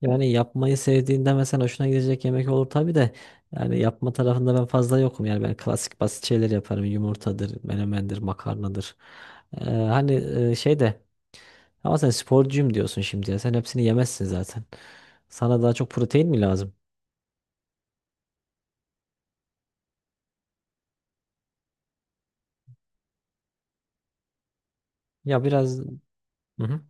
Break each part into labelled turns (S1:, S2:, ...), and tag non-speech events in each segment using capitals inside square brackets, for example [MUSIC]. S1: Yani yapmayı sevdiğinde mesela hoşuna gidecek yemek olur tabii de yani yapma tarafında ben fazla yokum. Yani ben klasik basit şeyler yaparım. Yumurtadır, menemendir, makarnadır. Hani şey de, ama sen sporcuyum diyorsun şimdi ya. Sen hepsini yemezsin zaten. Sana daha çok protein mi lazım? Ya biraz. Hı hı.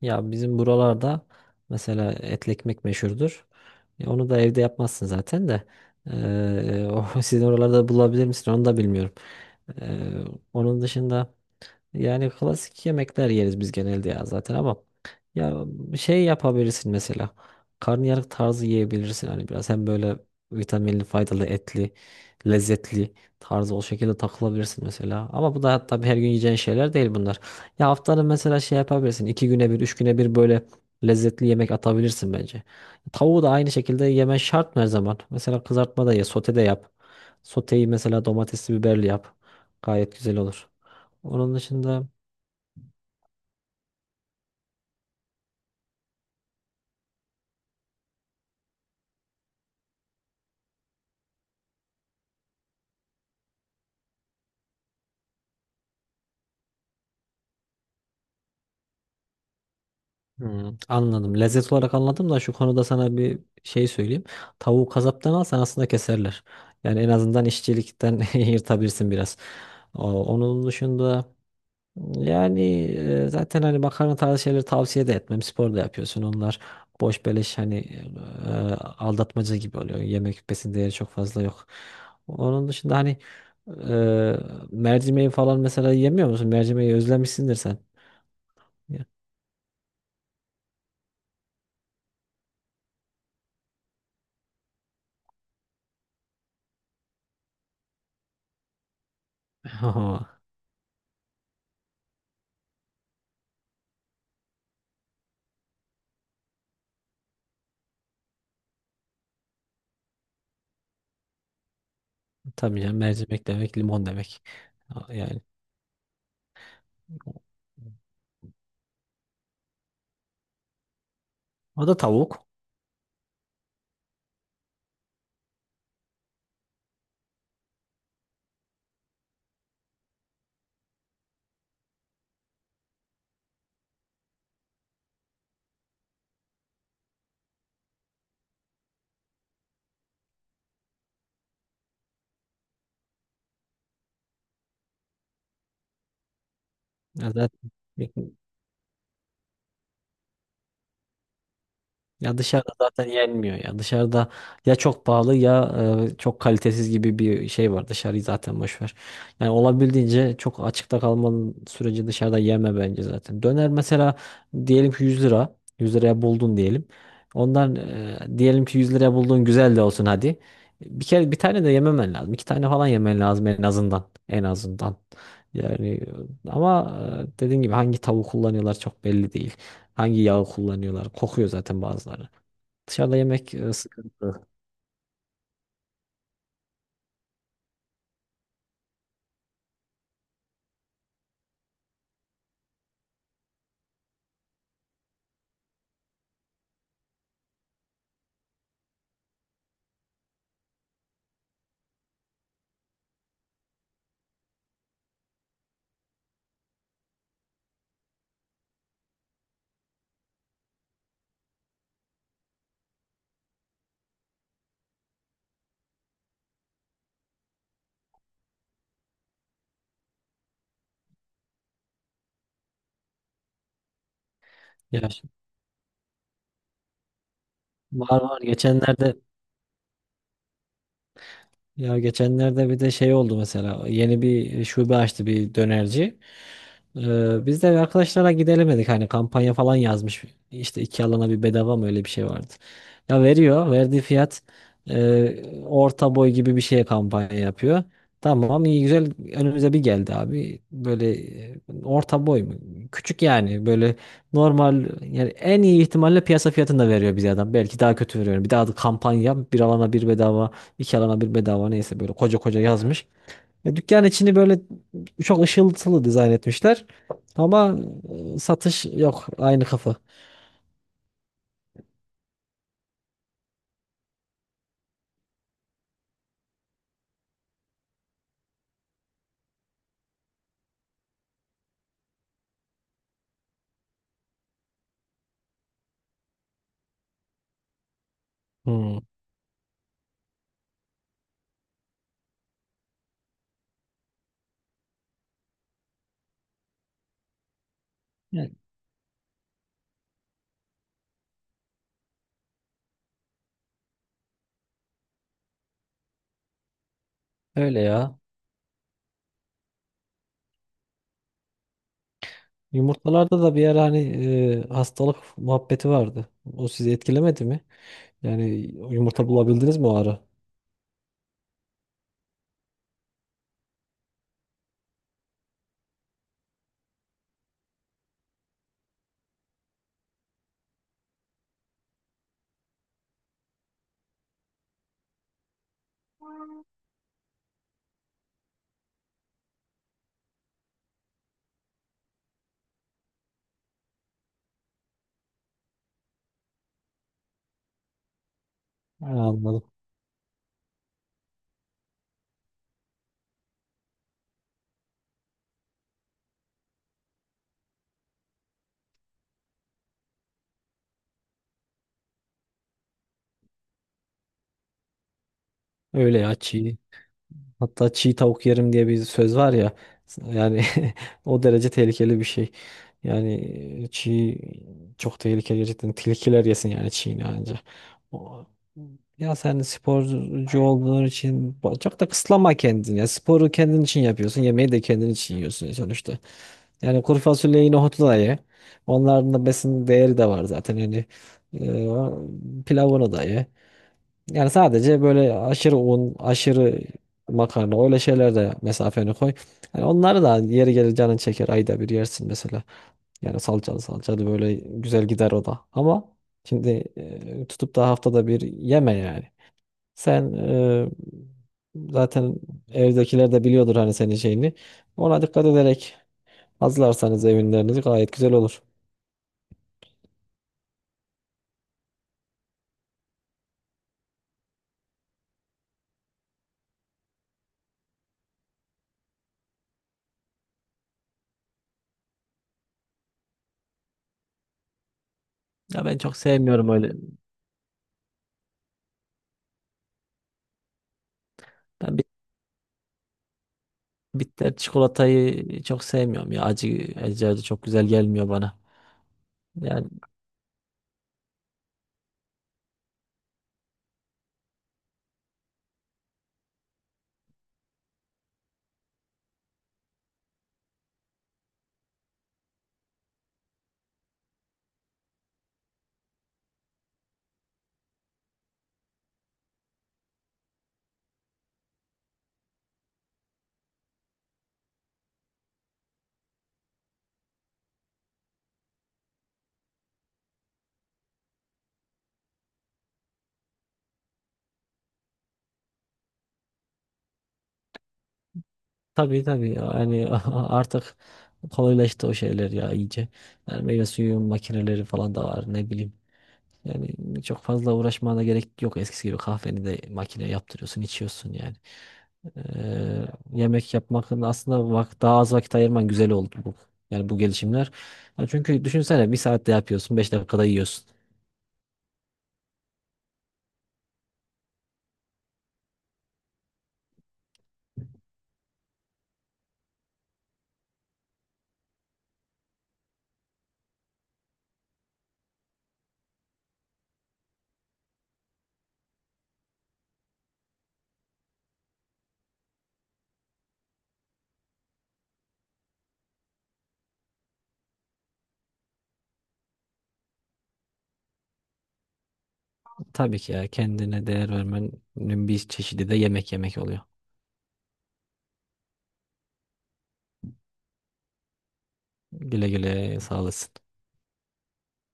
S1: Ya bizim buralarda mesela etli ekmek meşhurdur. Ya onu da evde yapmazsın zaten de. Ee, o [LAUGHS] sizin oralarda bulabilir misin onu da bilmiyorum. Ee, onun dışında, yani klasik yemekler yeriz biz genelde ya zaten, ama ya şey yapabilirsin mesela. Karnıyarık tarzı yiyebilirsin hani, biraz hem böyle vitaminli, faydalı, etli, lezzetli tarzı o şekilde takılabilirsin mesela. Ama bu da tabii her gün yiyeceğin şeyler değil bunlar. Ya haftanın mesela şey yapabilirsin. İki güne bir, üç güne bir böyle lezzetli yemek atabilirsin bence. Tavuğu da aynı şekilde yemen şart mı her zaman? Mesela kızartma da ye, sote de yap. Soteyi mesela domatesli biberli yap. Gayet güzel olur. Onun dışında, hmm, anladım. Lezzet olarak anladım da şu konuda sana bir şey söyleyeyim. Tavuğu kasaptan alsan aslında keserler. Yani en azından işçilikten [LAUGHS] yırtabilirsin biraz. Onun dışında, yani zaten hani makarna tarzı şeyleri tavsiye de etmem. Spor da yapıyorsun. Onlar boş beleş, hani aldatmaca gibi oluyor. Yemek besin değeri çok fazla yok. Onun dışında hani e, mercimeği falan mesela yemiyor musun? Mercimeği özlemişsindir sen. [LAUGHS] Tabii canım, mercimek demek limon demek. Yani o o da tavuk. Ya zaten, ya dışarıda zaten yenmiyor ya. Dışarıda ya çok pahalı ya çok kalitesiz gibi bir şey var. Dışarıyı zaten boş ver. Yani olabildiğince çok açıkta kalmanın sürece dışarıda yeme bence zaten. Döner mesela diyelim ki 100 lira. 100 liraya buldun diyelim. Ondan diyelim ki 100 liraya bulduğun güzel de olsun hadi. Bir kere bir tane de yememen lazım. İki tane falan yemen lazım en azından. En azından. Yani ama dediğim gibi hangi tavuğu kullanıyorlar çok belli değil. Hangi yağı kullanıyorlar? Kokuyor zaten bazıları. Dışarıda yemek sıkıntı. Ya var var. Geçenlerde bir de şey oldu mesela, yeni bir şube açtı bir dönerci. Biz de arkadaşlara gidelim, hani kampanya falan yazmış. İşte iki alana bir bedava mı, öyle bir şey vardı. Ya veriyor verdiği fiyat, orta boy gibi bir şeye kampanya yapıyor. Tamam, iyi güzel önümüze bir geldi abi. Böyle e, orta boy mu? Küçük yani, böyle normal yani en iyi ihtimalle piyasa fiyatını da veriyor bize adam. Belki daha kötü veriyor. Bir daha da kampanya bir alana bir bedava. İki alana bir bedava, neyse böyle koca koca yazmış. Ya dükkan içini böyle çok ışıltılı dizayn etmişler. Ama satış yok, aynı kafa. Hmm. Yani. Öyle ya. Yumurtalarda da bir ara hani hastalık muhabbeti vardı. O sizi etkilemedi mi? Yani yumurta bulabildiniz mi o ara? Ha, anladım. Öyle ya, çiğ. Hatta çiğ tavuk yerim diye bir söz var ya. Yani [LAUGHS] o derece tehlikeli bir şey. Yani çiğ çok tehlikeli gerçekten. Tilkiler yesin yani çiğini anca. O- Ya sen sporcu olduğun için çok da kısıtlama kendini. Ya sporu kendin için yapıyorsun. Yemeği de kendin için yiyorsun sonuçta. Yani kuru fasulyeyi, nohutu da ye. Onların da besin değeri de var zaten. Yani pilavını da ye. Yani sadece böyle aşırı un, aşırı makarna, öyle şeyler de mesafeni koy. Yani onları da yeri gelir canın çeker, ayda bir yersin mesela. Yani salçalı salçalı böyle güzel gider o da. Ama şimdi tutup da haftada bir yeme yani. Sen zaten evdekiler de biliyordur hani senin şeyini. Ona dikkat ederek hazırlarsanız evinlerinizi gayet güzel olur. Ya ben çok sevmiyorum öyle. Ben Bitter çikolatayı çok sevmiyorum ya. Acı çok güzel gelmiyor bana. Yani tabii tabii yani [LAUGHS] artık kolaylaştı o şeyler ya iyice. Yani meyve suyu makineleri falan da var, ne bileyim. Yani çok fazla uğraşmana gerek yok. Eskisi gibi kahveni de makine yaptırıyorsun, içiyorsun yani. Ee, yemek yapmakın aslında daha az vakit ayırman güzel oldu bu. Yani bu gelişimler. Yani çünkü düşünsene bir saatte yapıyorsun, beş dakikada yiyorsun. Tabii ki ya, kendine değer vermenin bir çeşidi de yemek yemek oluyor. Güle güle, sağ olasın.